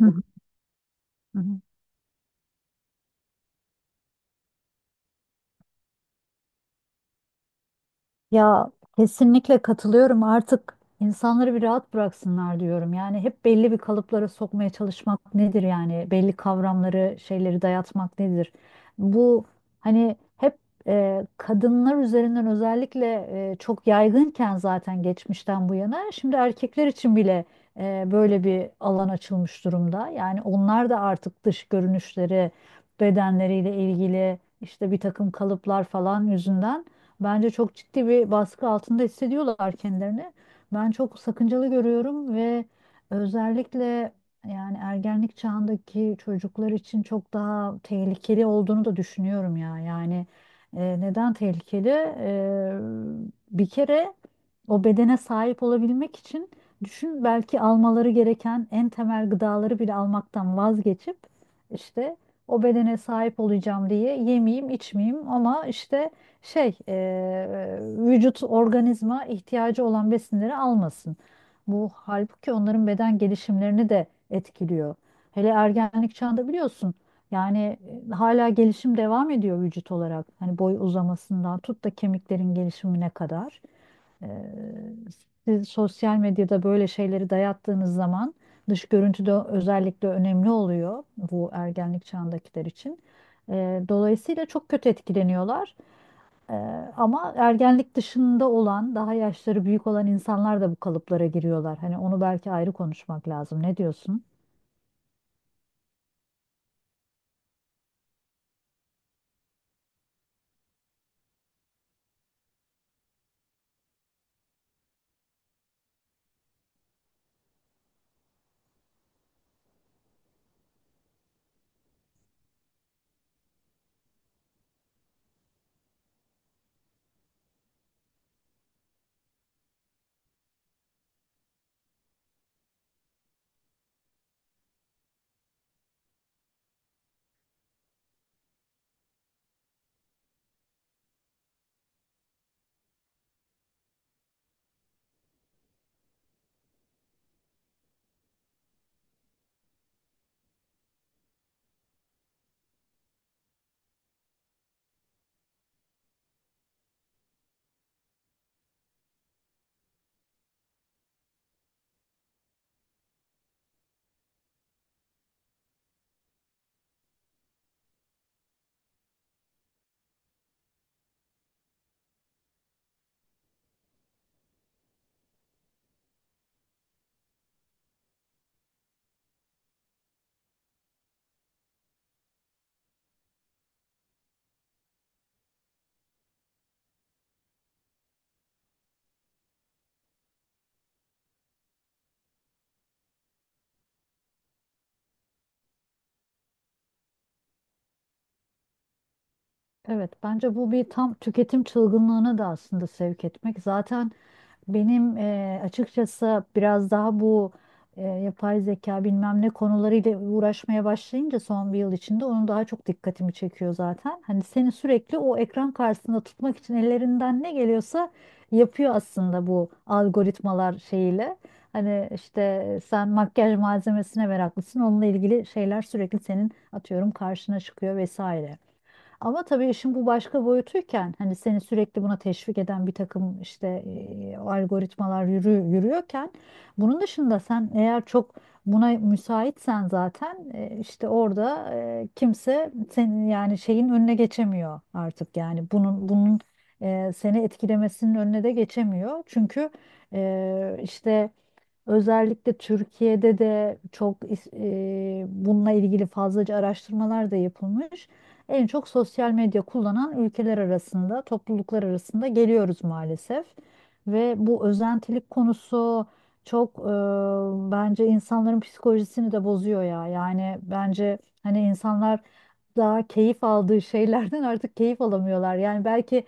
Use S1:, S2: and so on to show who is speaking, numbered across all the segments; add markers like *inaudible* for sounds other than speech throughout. S1: Hı hı, hı hı. Ya, kesinlikle katılıyorum. Artık insanları bir rahat bıraksınlar diyorum. Yani hep belli bir kalıplara sokmaya çalışmak nedir yani? Belli kavramları, şeyleri dayatmak nedir? Bu hani hep kadınlar üzerinden özellikle çok yaygınken zaten geçmişten bu yana şimdi erkekler için bile böyle bir alan açılmış durumda. Yani onlar da artık dış görünüşleri, bedenleriyle ilgili işte bir takım kalıplar falan yüzünden bence çok ciddi bir baskı altında hissediyorlar kendilerini. Ben çok sakıncalı görüyorum ve özellikle yani ergenlik çağındaki çocuklar için çok daha tehlikeli olduğunu da düşünüyorum ya. Yani, neden tehlikeli? Bir kere o bedene sahip olabilmek için düşün, belki almaları gereken en temel gıdaları bile almaktan vazgeçip işte o bedene sahip olacağım diye yemeyeyim, içmeyeyim ama işte vücut organizma ihtiyacı olan besinleri almasın. Bu halbuki onların beden gelişimlerini de etkiliyor. Hele ergenlik çağında biliyorsun yani hala gelişim devam ediyor vücut olarak. Hani boy uzamasından tut da kemiklerin gelişimine kadar. Eee, siz sosyal medyada böyle şeyleri dayattığınız zaman dış görüntü de özellikle önemli oluyor bu ergenlik çağındakiler için. Dolayısıyla çok kötü etkileniyorlar. Ee, ama ergenlik dışında olan, daha yaşları büyük olan insanlar da bu kalıplara giriyorlar. Hani onu belki ayrı konuşmak lazım. Ne diyorsun? Evet, bence bu bir tam tüketim çılgınlığına da aslında sevk etmek. Zaten benim açıkçası biraz daha bu yapay zeka bilmem ne konularıyla uğraşmaya başlayınca son bir yıl içinde onun daha çok dikkatimi çekiyor zaten. Hani seni sürekli o ekran karşısında tutmak için ellerinden ne geliyorsa yapıyor aslında bu algoritmalar şeyiyle. Hani işte sen makyaj malzemesine meraklısın, onunla ilgili şeyler sürekli senin atıyorum karşına çıkıyor vesaire. Ama tabii işin bu başka boyutuyken hani seni sürekli buna teşvik eden bir takım işte algoritmalar yürü, yürüyorken bunun dışında sen eğer çok buna müsaitsen zaten işte orada kimse senin yani şeyin önüne geçemiyor artık yani bunun seni etkilemesinin önüne de geçemiyor. Çünkü işte özellikle Türkiye'de de bununla ilgili fazlaca araştırmalar da yapılmış. En çok sosyal medya kullanan ülkeler arasında, topluluklar arasında geliyoruz maalesef. Ve bu özentilik konusu çok bence insanların psikolojisini de bozuyor ya. Yani bence hani insanlar daha keyif aldığı şeylerden artık keyif alamıyorlar. Yani belki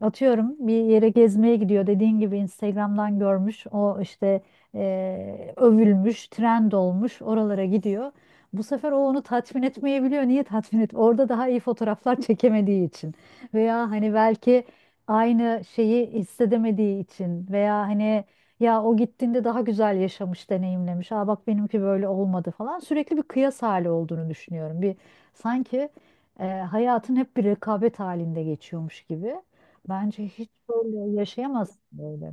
S1: atıyorum bir yere gezmeye gidiyor, dediğin gibi Instagram'dan görmüş o işte övülmüş, trend olmuş, oralara gidiyor. Bu sefer o onu tatmin etmeyebiliyor. Niye tatmin et? Orada daha iyi fotoğraflar *laughs* çekemediği için veya hani belki aynı şeyi hissedemediği için veya hani ya o gittiğinde daha güzel yaşamış, deneyimlemiş. Aa bak benimki böyle olmadı falan. Sürekli bir kıyas hali olduğunu düşünüyorum. Bir sanki hayatın hep bir rekabet halinde geçiyormuş gibi. Bence hiç böyle yaşayamazsın böyle.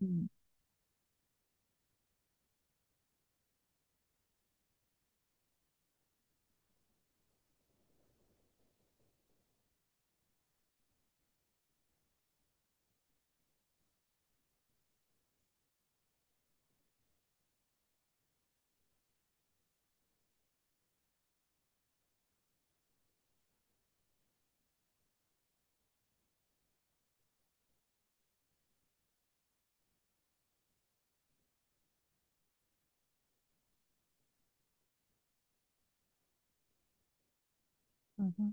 S1: Hı hı.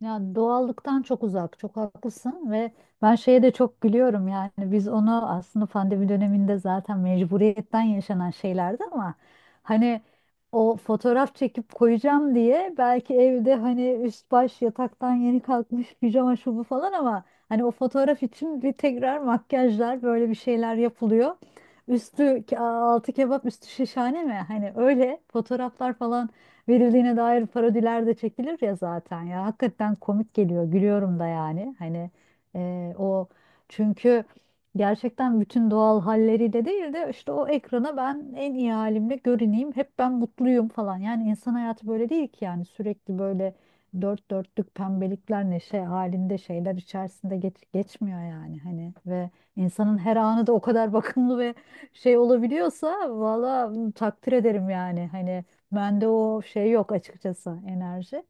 S1: Ya doğallıktan çok uzak, çok haklısın ve ben şeye de çok gülüyorum yani biz onu aslında pandemi döneminde zaten mecburiyetten yaşanan şeylerdi ama hani o fotoğraf çekip koyacağım diye belki evde hani üst baş yataktan yeni kalkmış pijama şu bu falan ama hani o fotoğraf için bir tekrar makyajlar böyle bir şeyler yapılıyor. Altı kebap üstü şişhane mi? Hani öyle fotoğraflar falan verildiğine dair parodiler de çekilir ya zaten ya hakikaten komik geliyor gülüyorum da yani hani o çünkü gerçekten bütün doğal halleriyle değil de işte o ekrana ben en iyi halimle görüneyim hep ben mutluyum falan yani insan hayatı böyle değil ki yani sürekli böyle dört dörtlük pembelikler neşe halinde şeyler içerisinde geçmiyor yani hani ve insanın her anı da o kadar *laughs* bakımlı ve şey olabiliyorsa valla takdir ederim yani hani bende o şey yok açıkçası, enerji.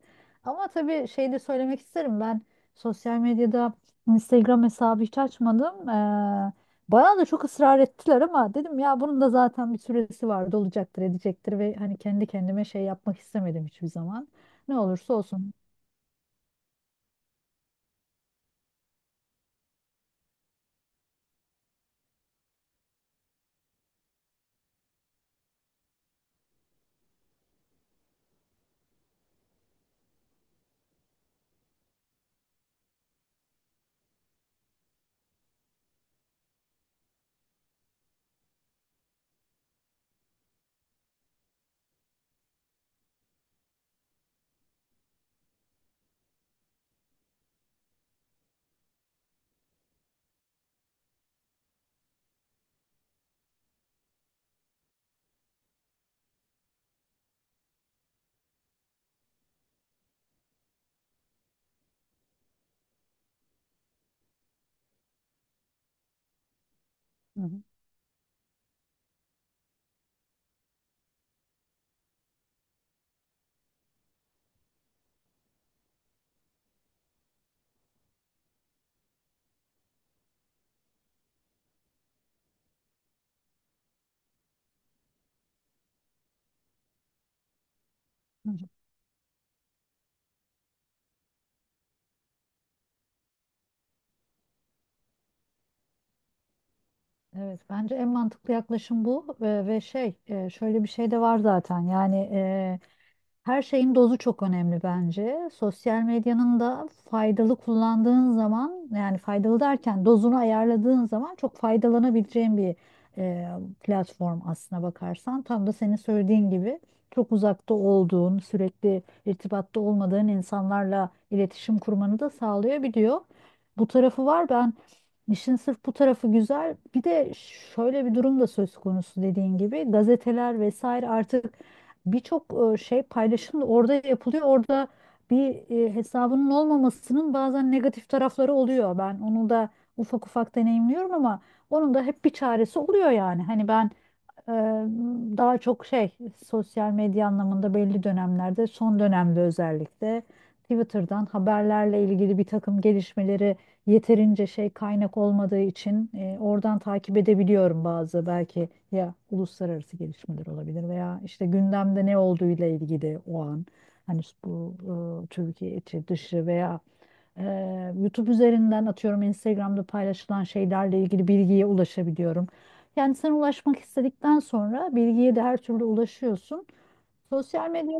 S1: Ama tabii şey de söylemek isterim. Ben sosyal medyada Instagram hesabı hiç açmadım. Bana da çok ısrar ettiler ama dedim ya bunun da zaten bir süresi vardı olacaktır edecektir ve hani kendi kendime şey yapmak istemedim hiçbir zaman. Ne olursa olsun. Hı hı, hı hı. Evet, bence en mantıklı yaklaşım bu. Ve şey şöyle bir şey de var zaten yani her şeyin dozu çok önemli bence. Sosyal medyanın da faydalı kullandığın zaman, yani faydalı derken dozunu ayarladığın zaman çok faydalanabileceğin bir e, platform aslına bakarsan. Tam da senin söylediğin gibi çok uzakta olduğun, sürekli irtibatta olmadığın insanlarla iletişim kurmanı da sağlayabiliyor. Bu tarafı var. Ben işin sırf bu tarafı güzel. Bir de şöyle bir durum da söz konusu, dediğin gibi gazeteler vesaire artık birçok şey paylaşım da orada yapılıyor. Orada bir hesabının olmamasının bazen negatif tarafları oluyor. Ben onu da ufak ufak deneyimliyorum ama onun da hep bir çaresi oluyor yani. Hani ben Eee, daha çok şey, sosyal medya anlamında belli dönemlerde son dönemde özellikle Twitter'dan haberlerle ilgili bir takım gelişmeleri yeterince şey kaynak olmadığı için oradan takip edebiliyorum. Bazı belki ya uluslararası gelişmeler olabilir veya işte gündemde ne olduğuyla ilgili o an hani bu Türkiye içi dışı veya YouTube üzerinden atıyorum Instagram'da paylaşılan şeylerle ilgili bilgiye ulaşabiliyorum. Kendisine ulaşmak istedikten sonra bilgiye de her türlü ulaşıyorsun. Sosyal medya.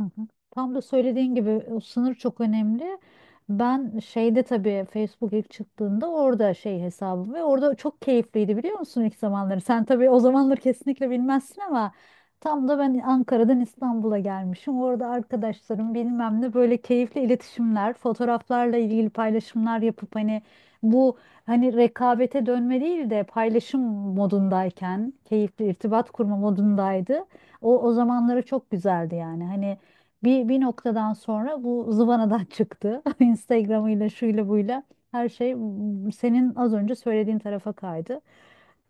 S1: Hı hı. Tam da söylediğin gibi o sınır çok önemli. Ben şeyde tabii Facebook ilk çıktığında orada şey hesabım ve orada çok keyifliydi biliyor musun ilk zamanları. Sen tabii o zamanları kesinlikle bilmezsin ama tam da ben Ankara'dan İstanbul'a gelmişim. Orada arkadaşlarım bilmem ne böyle keyifli iletişimler, fotoğraflarla ilgili paylaşımlar yapıp hani bu hani rekabete dönme değil de paylaşım modundayken keyifli irtibat kurma modundaydı. O zamanları çok güzeldi yani. Hani bir noktadan sonra bu zıvanadan çıktı. *laughs* Instagram'ıyla şuyla buyla her şey senin az önce söylediğin tarafa kaydı.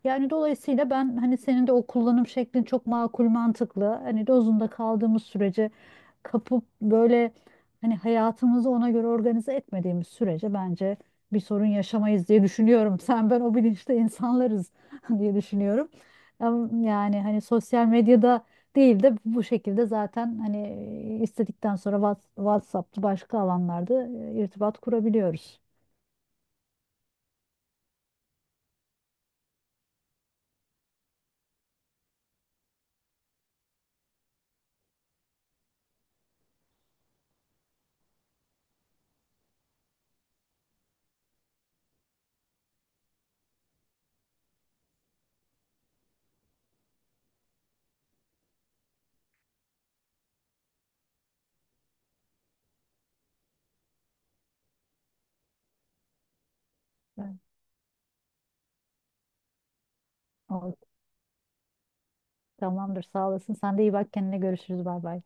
S1: Yani dolayısıyla ben hani senin de o kullanım şeklin çok makul mantıklı. Hani dozunda kaldığımız sürece kapıp böyle hani hayatımızı ona göre organize etmediğimiz sürece bence bir sorun yaşamayız diye düşünüyorum. *laughs* Sen ben o bilinçte insanlarız *laughs* diye düşünüyorum. Yani hani sosyal medyada değil de bu şekilde zaten hani istedikten sonra WhatsApp'ta başka alanlarda irtibat kurabiliyoruz. Evet. O- Tamamdır, sağ olasın. Sen de iyi bak kendine, görüşürüz. Bay bay.